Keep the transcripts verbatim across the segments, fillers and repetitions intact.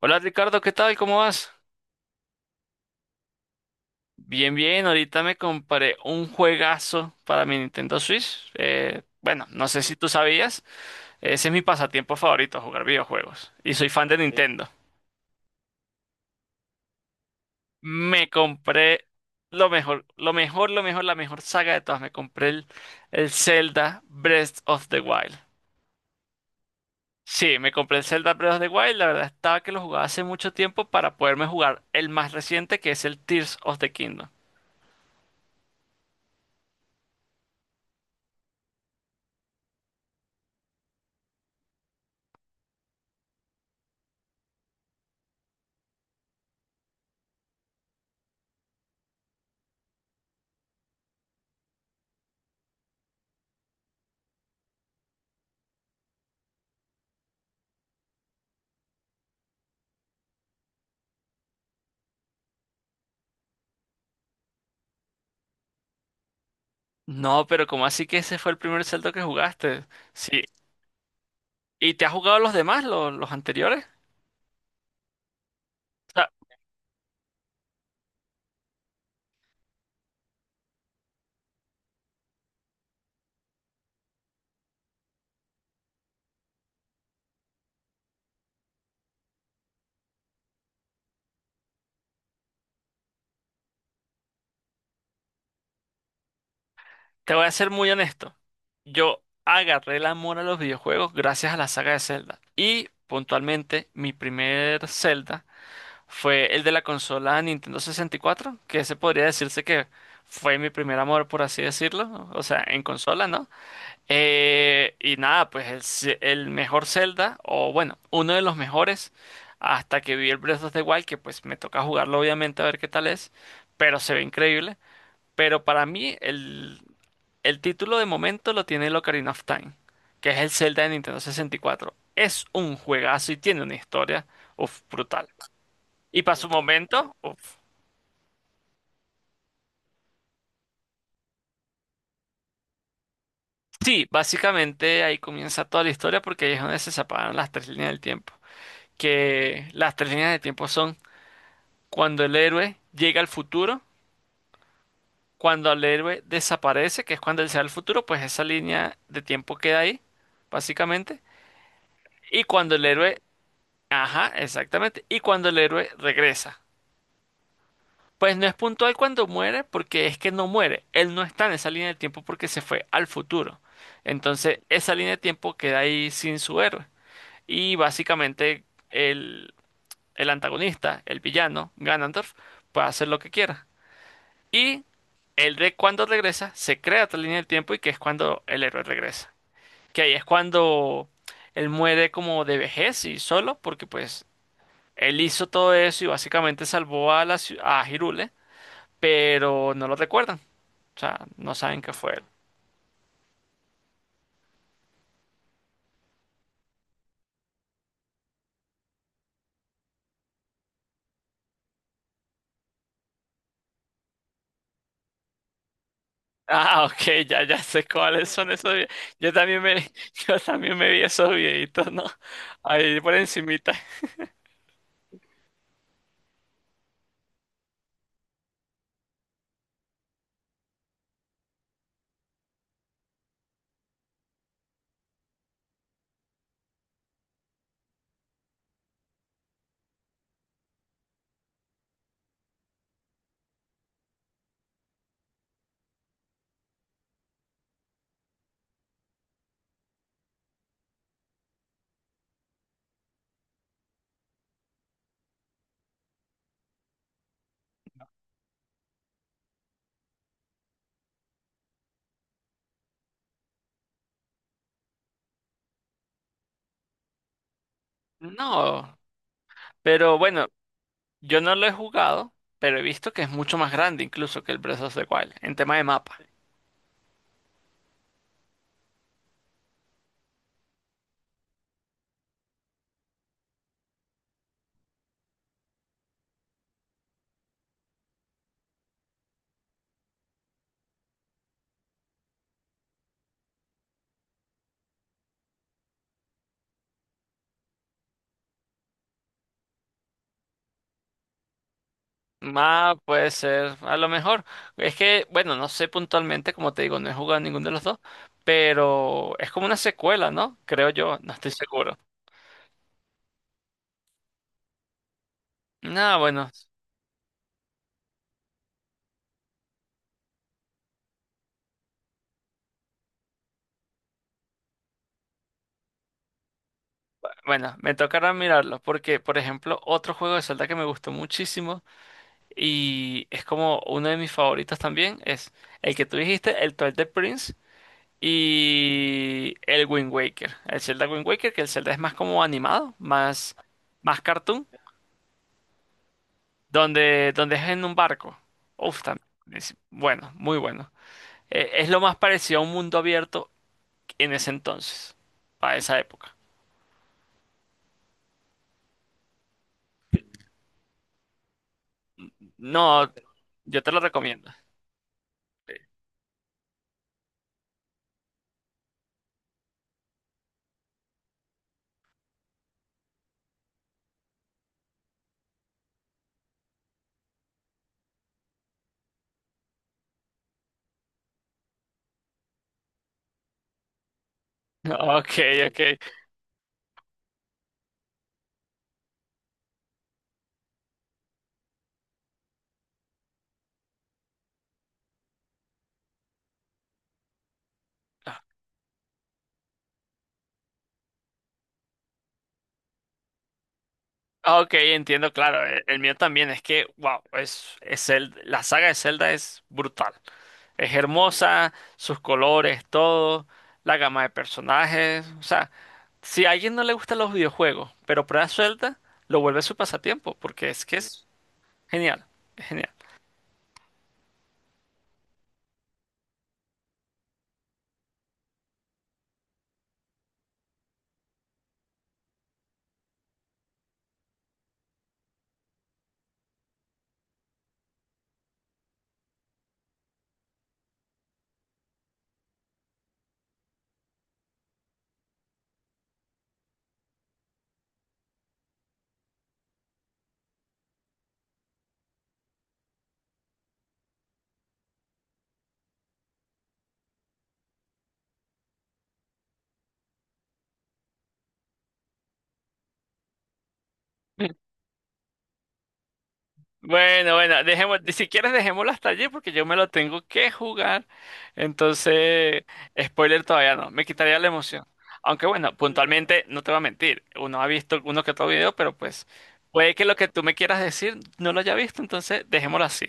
Hola Ricardo, ¿qué tal? ¿Cómo vas? Bien, bien, ahorita me compré un juegazo para mi Nintendo Switch. Eh, bueno, no sé si tú sabías, ese es mi pasatiempo favorito, jugar videojuegos. Y soy fan de Nintendo. Me compré lo mejor, lo mejor, lo mejor, la mejor saga de todas. Me compré el, el Zelda Breath of the Wild. Sí, me compré el Zelda Breath of the Wild. La verdad estaba que lo jugaba hace mucho tiempo para poderme jugar el más reciente, que es el Tears of the Kingdom. No, pero ¿cómo así que ese fue el primer Zelda que jugaste? Sí. ¿Y te has jugado los demás, los, los anteriores? O sea, te voy a ser muy honesto. Yo agarré el amor a los videojuegos gracias a la saga de Zelda. Y puntualmente, mi primer Zelda fue el de la consola Nintendo sesenta y cuatro, que ese podría decirse que fue mi primer amor, por así decirlo. O sea, en consola, ¿no? Eh, y nada, pues el, ce- el mejor Zelda, o bueno, uno de los mejores, hasta que vi el Breath of the Wild, que pues me toca jugarlo obviamente a ver qué tal es, pero se ve increíble. Pero para mí el, el título de momento lo tiene el Ocarina of Time, que es el Zelda de Nintendo sesenta y cuatro. Es un juegazo y tiene una historia, uf, brutal. Y para su momento, uf. Sí, básicamente ahí comienza toda la historia porque ahí es donde se separan las tres líneas del tiempo. Que las tres líneas del tiempo son cuando el héroe llega al futuro, cuando el héroe desaparece, que es cuando él se va al futuro, pues esa línea de tiempo queda ahí, básicamente. Y cuando el héroe, ajá, exactamente. Y cuando el héroe regresa. Pues no es puntual cuando muere, porque es que no muere. Él no está en esa línea de tiempo porque se fue al futuro. Entonces, esa línea de tiempo queda ahí sin su héroe. Y básicamente el, el antagonista, el villano, Ganondorf, puede hacer lo que quiera. Y el de cuando regresa, se crea otra línea del tiempo y que es cuando el héroe regresa. Que ahí es cuando él muere como de vejez y solo, porque pues él hizo todo eso y básicamente salvó a la ciu- a Hirule, pero no lo recuerdan. O sea, no saben que fue él. Ah, ok, ya, ya sé cuáles son esos videos. Yo también me, yo también me vi esos videitos, ¿no? Ahí por encimita. No, pero bueno. Yo no lo he jugado, pero he visto que es mucho más grande incluso que el Breath of the Wild en tema de mapa. Mapa puede ser, a lo mejor. Es que, bueno, no sé puntualmente, como te digo, no he jugado ninguno de los dos, pero es como una secuela, ¿no? Creo yo, no estoy seguro. No, bueno, bueno, me tocará mirarlo, porque, por ejemplo, otro juego de Zelda que me gustó muchísimo y es como uno de mis favoritos también es el que tú dijiste, el Twilight Prince. Y el Wind Waker. El Zelda Wind Waker, que el Zelda es más como animado, más, más cartoon, donde, donde es en un barco. Uf, también. Es bueno, muy bueno. Eh, es lo más parecido a un mundo abierto en ese entonces, para esa época. No, yo te lo recomiendo. Ok, ok. Ok, entiendo, claro. El, el mío también es que, wow, es, es el, la saga de Zelda es brutal. Es hermosa, sus colores, todo, la gama de personajes. O sea, si a alguien no le gustan los videojuegos, pero prueba suelta, lo vuelve su pasatiempo, porque es que es genial, es genial. Bueno, bueno, dejemos, si quieres dejémoslo hasta allí porque yo me lo tengo que jugar. Entonces, spoiler todavía no, me quitaría la emoción. Aunque bueno, puntualmente no te voy a mentir, uno ha visto uno que otro video, pero pues puede que lo que tú me quieras decir no lo haya visto, entonces dejémoslo así,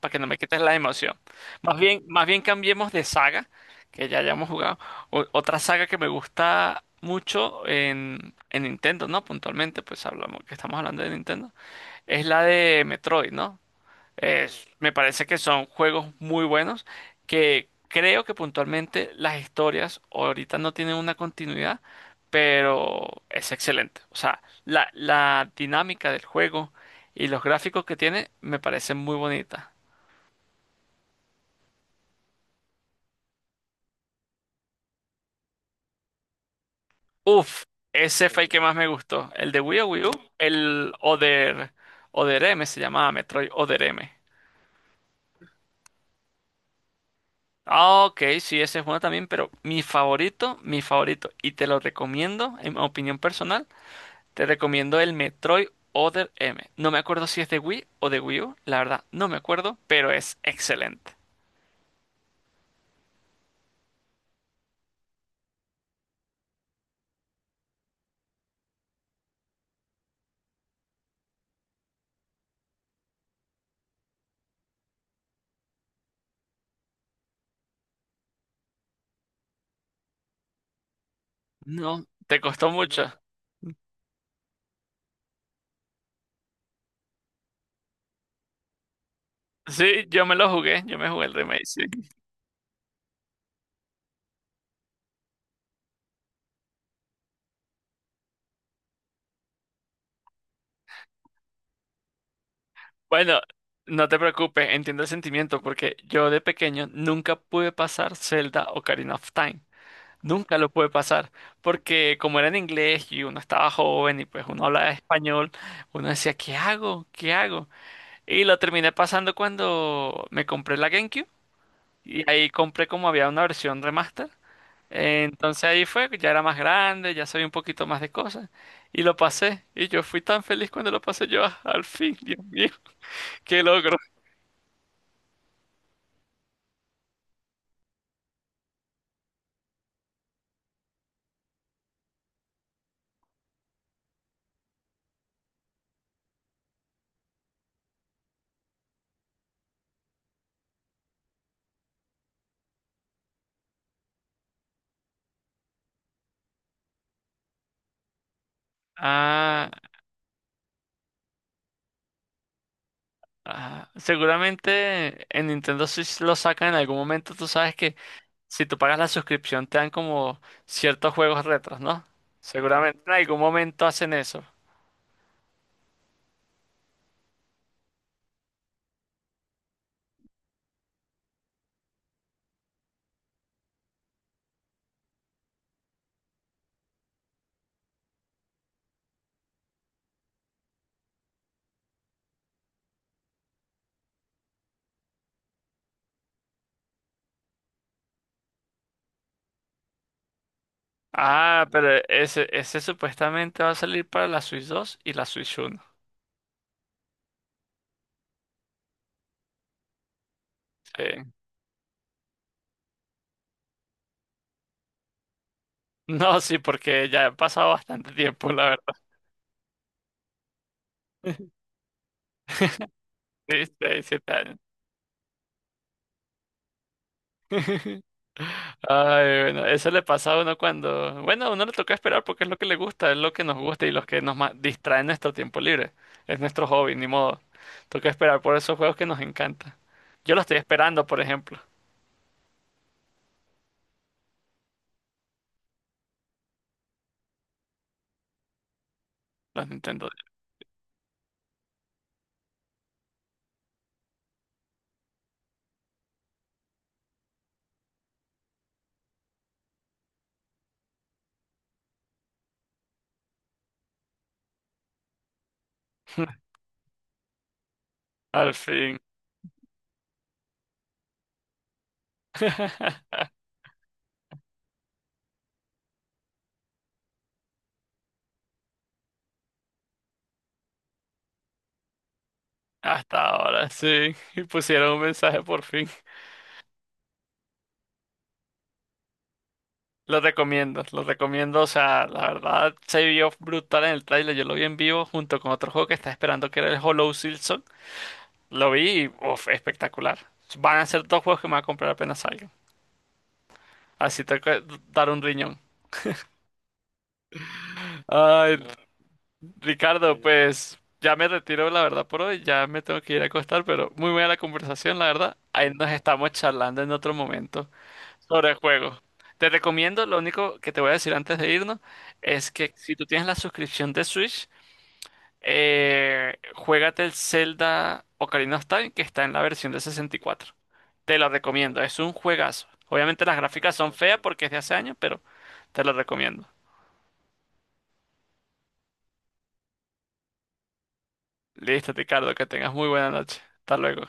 para que no me quites la emoción. Más bien, más bien cambiemos de saga, que ya hayamos jugado. O- otra saga que me gusta mucho en, en Nintendo, ¿no? Puntualmente, pues hablamos que estamos hablando de Nintendo es la de Metroid, ¿no? Es- me parece que son juegos muy buenos que creo que puntualmente las historias ahorita no tienen una continuidad, pero es excelente. O sea, la, la dinámica del juego y los gráficos que tiene me parecen muy bonitas. Uf, ese fue el que más me gustó. El de Wii o Wii U, el Other, Other M, se llamaba Metroid Other M. Ah, ok, sí, ese es bueno también, pero mi favorito, mi favorito, y te lo recomiendo, en opinión personal, te recomiendo el Metroid Other M. No me acuerdo si es de Wii o de Wii U, la verdad, no me acuerdo, pero es excelente. No, te costó mucho. Sí, yo me lo jugué, yo me jugué el remake, sí. Bueno, no te preocupes, entiendo el sentimiento, porque yo de pequeño nunca pude pasar Zelda Ocarina of Time. Nunca lo pude pasar, porque como era en inglés y uno estaba joven y pues uno hablaba español, uno decía, ¿qué hago? ¿Qué hago? Y lo terminé pasando cuando me compré la GameCube y ahí compré como había una versión remaster. Eh, Entonces ahí fue, ya era más grande, ya sabía un poquito más de cosas y lo pasé. Y yo fui tan feliz cuando lo pasé yo, ah, al fin, Dios mío, qué logro. Ah, ah, seguramente en Nintendo Switch lo sacan en algún momento, tú sabes que si tú pagas la suscripción, te dan como ciertos juegos retros, ¿no? Seguramente en algún momento hacen eso. Ah, pero ese, ese supuestamente va a salir para la Switch dos y la Switch uno. Sí. No, sí, porque ya ha pasado bastante tiempo, la verdad. Sí, seis, siete años. Ay, bueno, eso le pasa a uno cuando... Bueno, a uno le toca esperar porque es lo que le gusta, es lo que nos gusta y los que nos ma- distraen nuestro tiempo libre. Es nuestro hobby, ni modo. Toca esperar por esos juegos que nos encantan. Yo lo estoy esperando, por ejemplo. Los Nintendo. Al fin. Hasta ahora, sí. Y pusieron un mensaje por fin. Lo recomiendo, lo recomiendo. O sea, la verdad se vio brutal en el tráiler. Yo lo vi en vivo junto con otro juego que estaba esperando que era el Hollow Silson. Lo vi y uf, espectacular. Van a ser dos juegos que me va a comprar apenas salgan. Así tengo que dar un riñón. Ay, Ricardo, pues ya me retiro, la verdad, por hoy. Ya me tengo que ir a acostar, pero muy buena la conversación, la verdad. Ahí nos estamos charlando en otro momento sobre el juego. Te recomiendo, lo único que te voy a decir antes de irnos, es que si tú tienes la suscripción de Switch, eh, juégate el Zelda Ocarina of Time, que está en la versión de sesenta y cuatro. Te lo recomiendo, es un juegazo. Obviamente las gráficas son feas porque es de hace años, pero te lo recomiendo. Listo, Ricardo, que tengas muy buena noche. Hasta luego.